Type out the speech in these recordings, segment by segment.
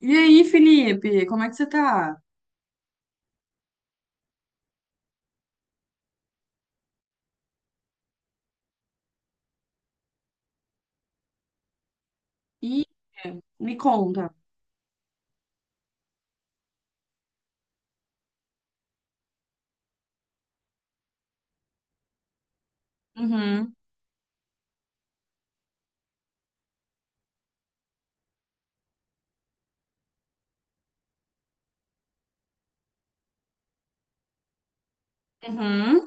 E aí, Felipe, como é que você tá? Ih, me conta. Uhum, uhum,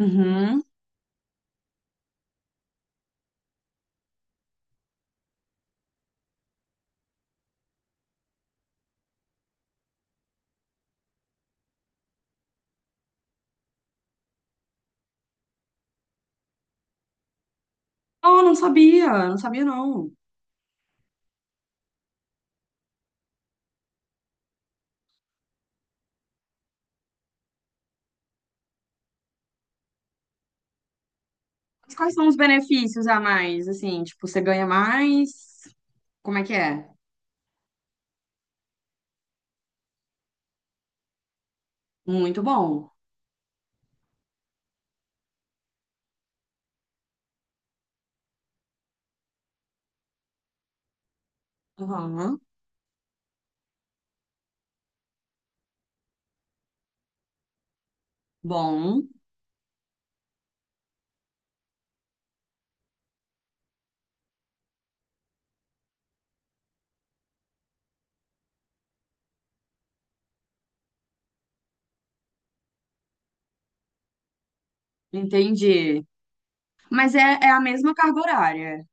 uhum. Oh, não sabia, não sabia não. Mas quais são os benefícios a mais, assim? Tipo, você ganha mais? Como é que é? Muito bom. Uhum, bom, entendi. Mas é a mesma carga horária?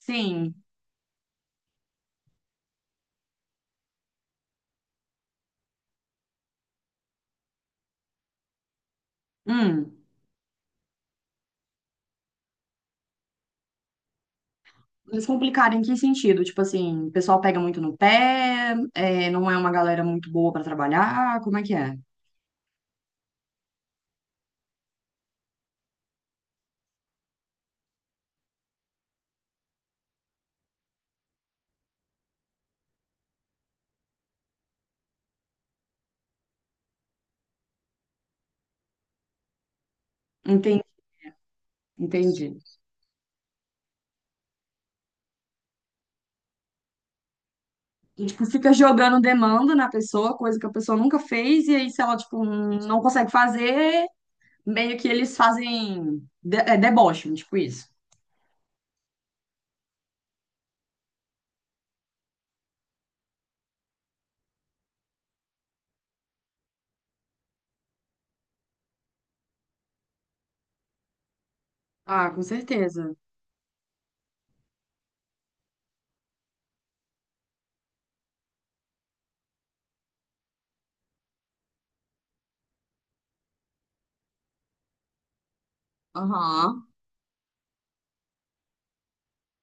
Sim. Hum. Mas complicado em que sentido? Tipo assim, o pessoal pega muito no pé, é, não é uma galera muito boa pra trabalhar, como é que é? Entendi. E, tipo, fica jogando demanda na pessoa, coisa que a pessoa nunca fez, e aí, se ela, tipo, não consegue fazer, meio que eles fazem de é, deboche, tipo isso. Ah, com certeza. Aham.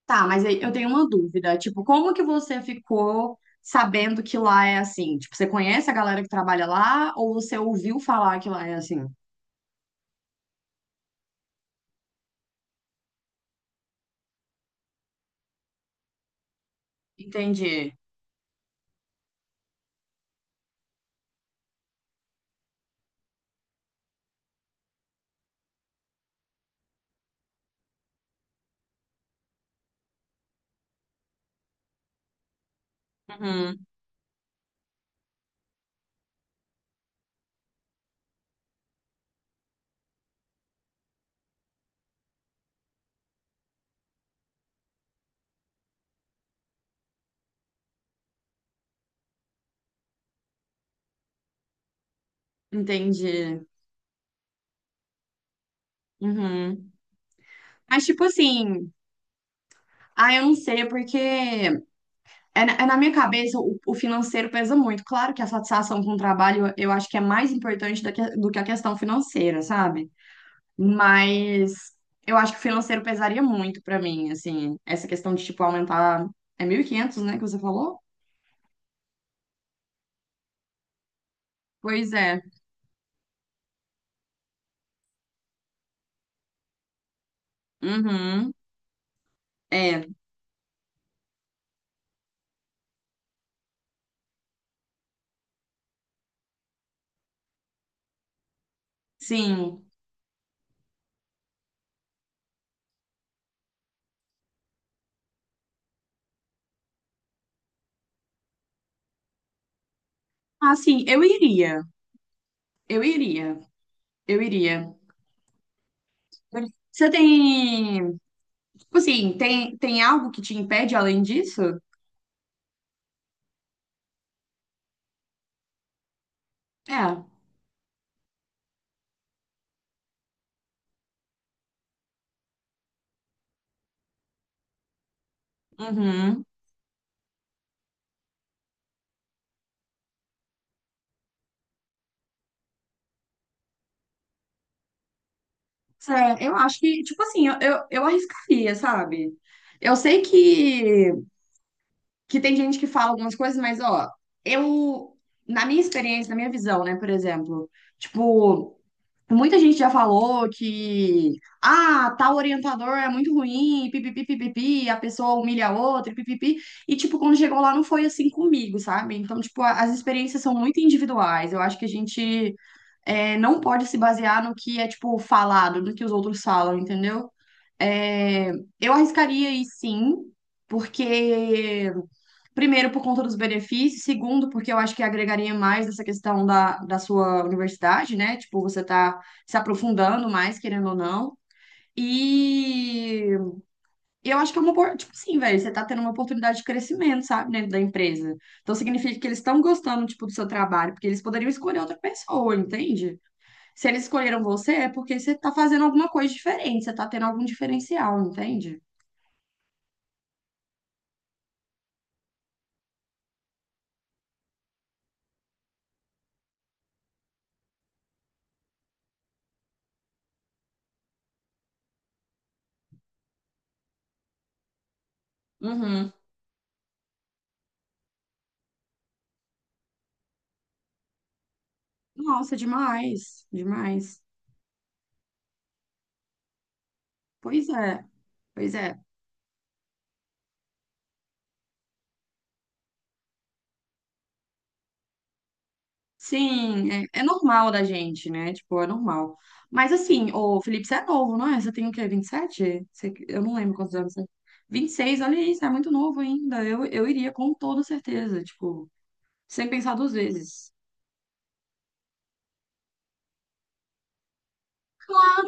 Tá, mas aí eu tenho uma dúvida. Tipo, como que você ficou sabendo que lá é assim? Tipo, você conhece a galera que trabalha lá, ou você ouviu falar que lá é assim? Entendi. Uhum. Entendi. Uhum. Mas, tipo assim, ah, eu não sei, porque é, na minha cabeça, o financeiro pesa muito. Claro que a satisfação com o trabalho eu acho que é mais importante do que a questão financeira, sabe? Mas eu acho que o financeiro pesaria muito pra mim, assim, essa questão de, tipo, aumentar. É 1.500, né, que você falou? Pois é. Uhum. É, sim. Ah, sim, eu iria. Eu iria. Eu iria. Você tem. Tipo assim, tem algo que te impede além disso? É. Uhum. Sério, eu acho que, tipo assim, eu arriscaria, sabe? Eu sei que tem gente que fala algumas coisas, mas, ó, eu, na minha experiência, na minha visão, né, por exemplo, tipo, muita gente já falou que, ah, tal orientador é muito ruim, pipipi, pipipi, a pessoa humilha a outra, pipipi, e, tipo, quando chegou lá não foi assim comigo, sabe? Então, tipo, as experiências são muito individuais, eu acho que a gente não pode se basear no que é, tipo, falado, no que os outros falam, entendeu? É, eu arriscaria ir sim, porque, primeiro, por conta dos benefícios, segundo, porque eu acho que agregaria mais essa questão da sua universidade, né? Tipo, você tá se aprofundando mais, querendo ou não. E eu acho que é uma, tipo assim, velho, você tá tendo uma oportunidade de crescimento, sabe, dentro da empresa. Então significa que eles estão gostando, tipo, do seu trabalho, porque eles poderiam escolher outra pessoa, entende? Se eles escolheram você, é porque você tá fazendo alguma coisa diferente, você tá tendo algum diferencial, entende? Uhum. Nossa, demais, demais. Pois é, pois é. Sim, é, é normal da gente, né? Tipo, é normal. Mas assim, o Felipe, você é novo, não é? Você tem o quê? 27? Você, eu não lembro quantos anos você tem. 26, olha isso, é muito novo ainda. Eu iria com toda certeza, tipo, sem pensar duas vezes.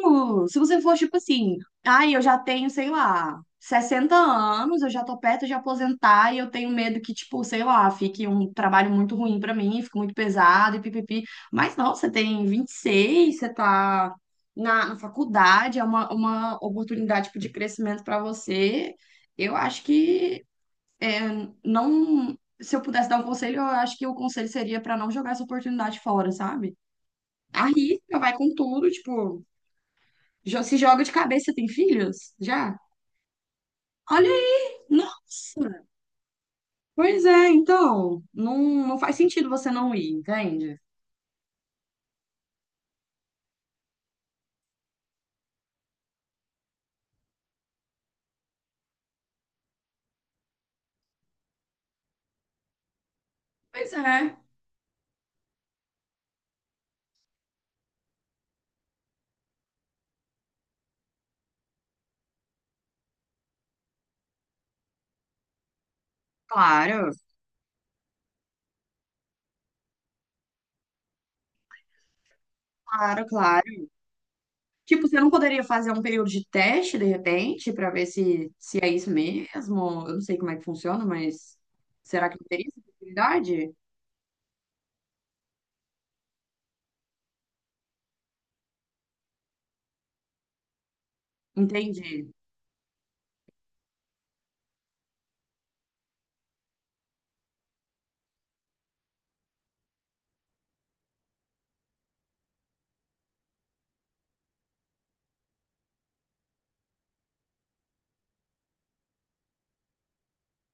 Mano, se você for tipo assim, ai, eu já tenho, sei lá, 60 anos, eu já tô perto de aposentar e eu tenho medo que, tipo, sei lá, fique um trabalho muito ruim pra mim, fique muito pesado e pipipi. Mas não, você tem 26, você tá na faculdade, é uma oportunidade, tipo, de crescimento pra você. Eu acho que é, não. Se eu pudesse dar um conselho, eu acho que o conselho seria pra não jogar essa oportunidade fora, sabe? Arrisca, vai com tudo, tipo. Já se joga de cabeça, tem filhos? Já? Olha aí! Nossa! Pois é, então, não, não faz sentido você não ir, entende? Pois é. Claro, claro, claro. Tipo, você não poderia fazer um período de teste, de repente, para ver se é isso mesmo? Eu não sei como é que funciona, mas será que não teria essa possibilidade? Entendi.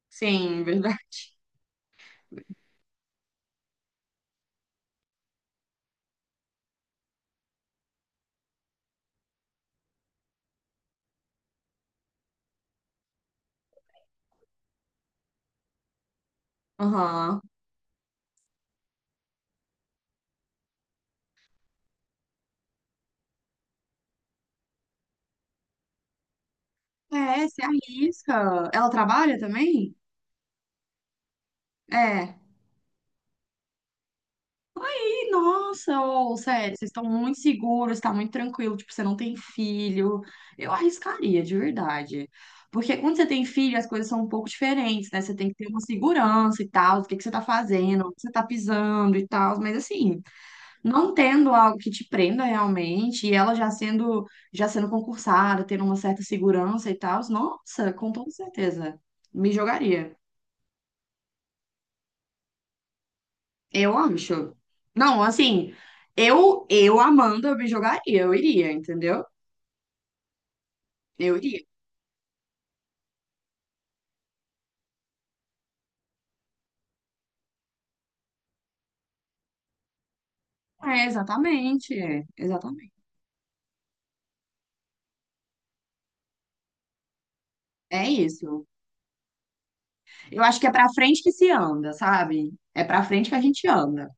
Sim, verdade. Aham. É, se arrisca. Ela trabalha também? É. Nossa, ô, sério, vocês estão muito seguros, tá muito tranquilo, tipo, você não tem filho. Eu arriscaria, de verdade. Porque quando você tem filho, as coisas são um pouco diferentes, né? Você tem que ter uma segurança e tal, do que você tá fazendo, onde você tá pisando e tal, mas assim, não tendo algo que te prenda realmente, e ela já sendo concursada, tendo uma certa segurança e tal, nossa, com toda certeza, me jogaria. Eu acho. Não, assim, eu amando, eu me jogaria, eu iria, entendeu? Eu iria. É, exatamente, é, exatamente. É isso. Eu acho que é pra frente que se anda, sabe? É pra frente que a gente anda.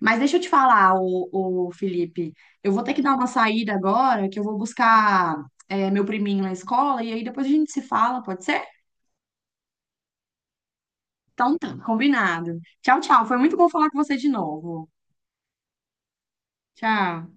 Mas deixa eu te falar, o, Felipe, eu vou ter que dar uma saída agora, que eu vou buscar meu priminho na escola, e aí depois a gente se fala, pode ser? Então tá, combinado. Tchau, tchau. Foi muito bom falar com você de novo. Tchau.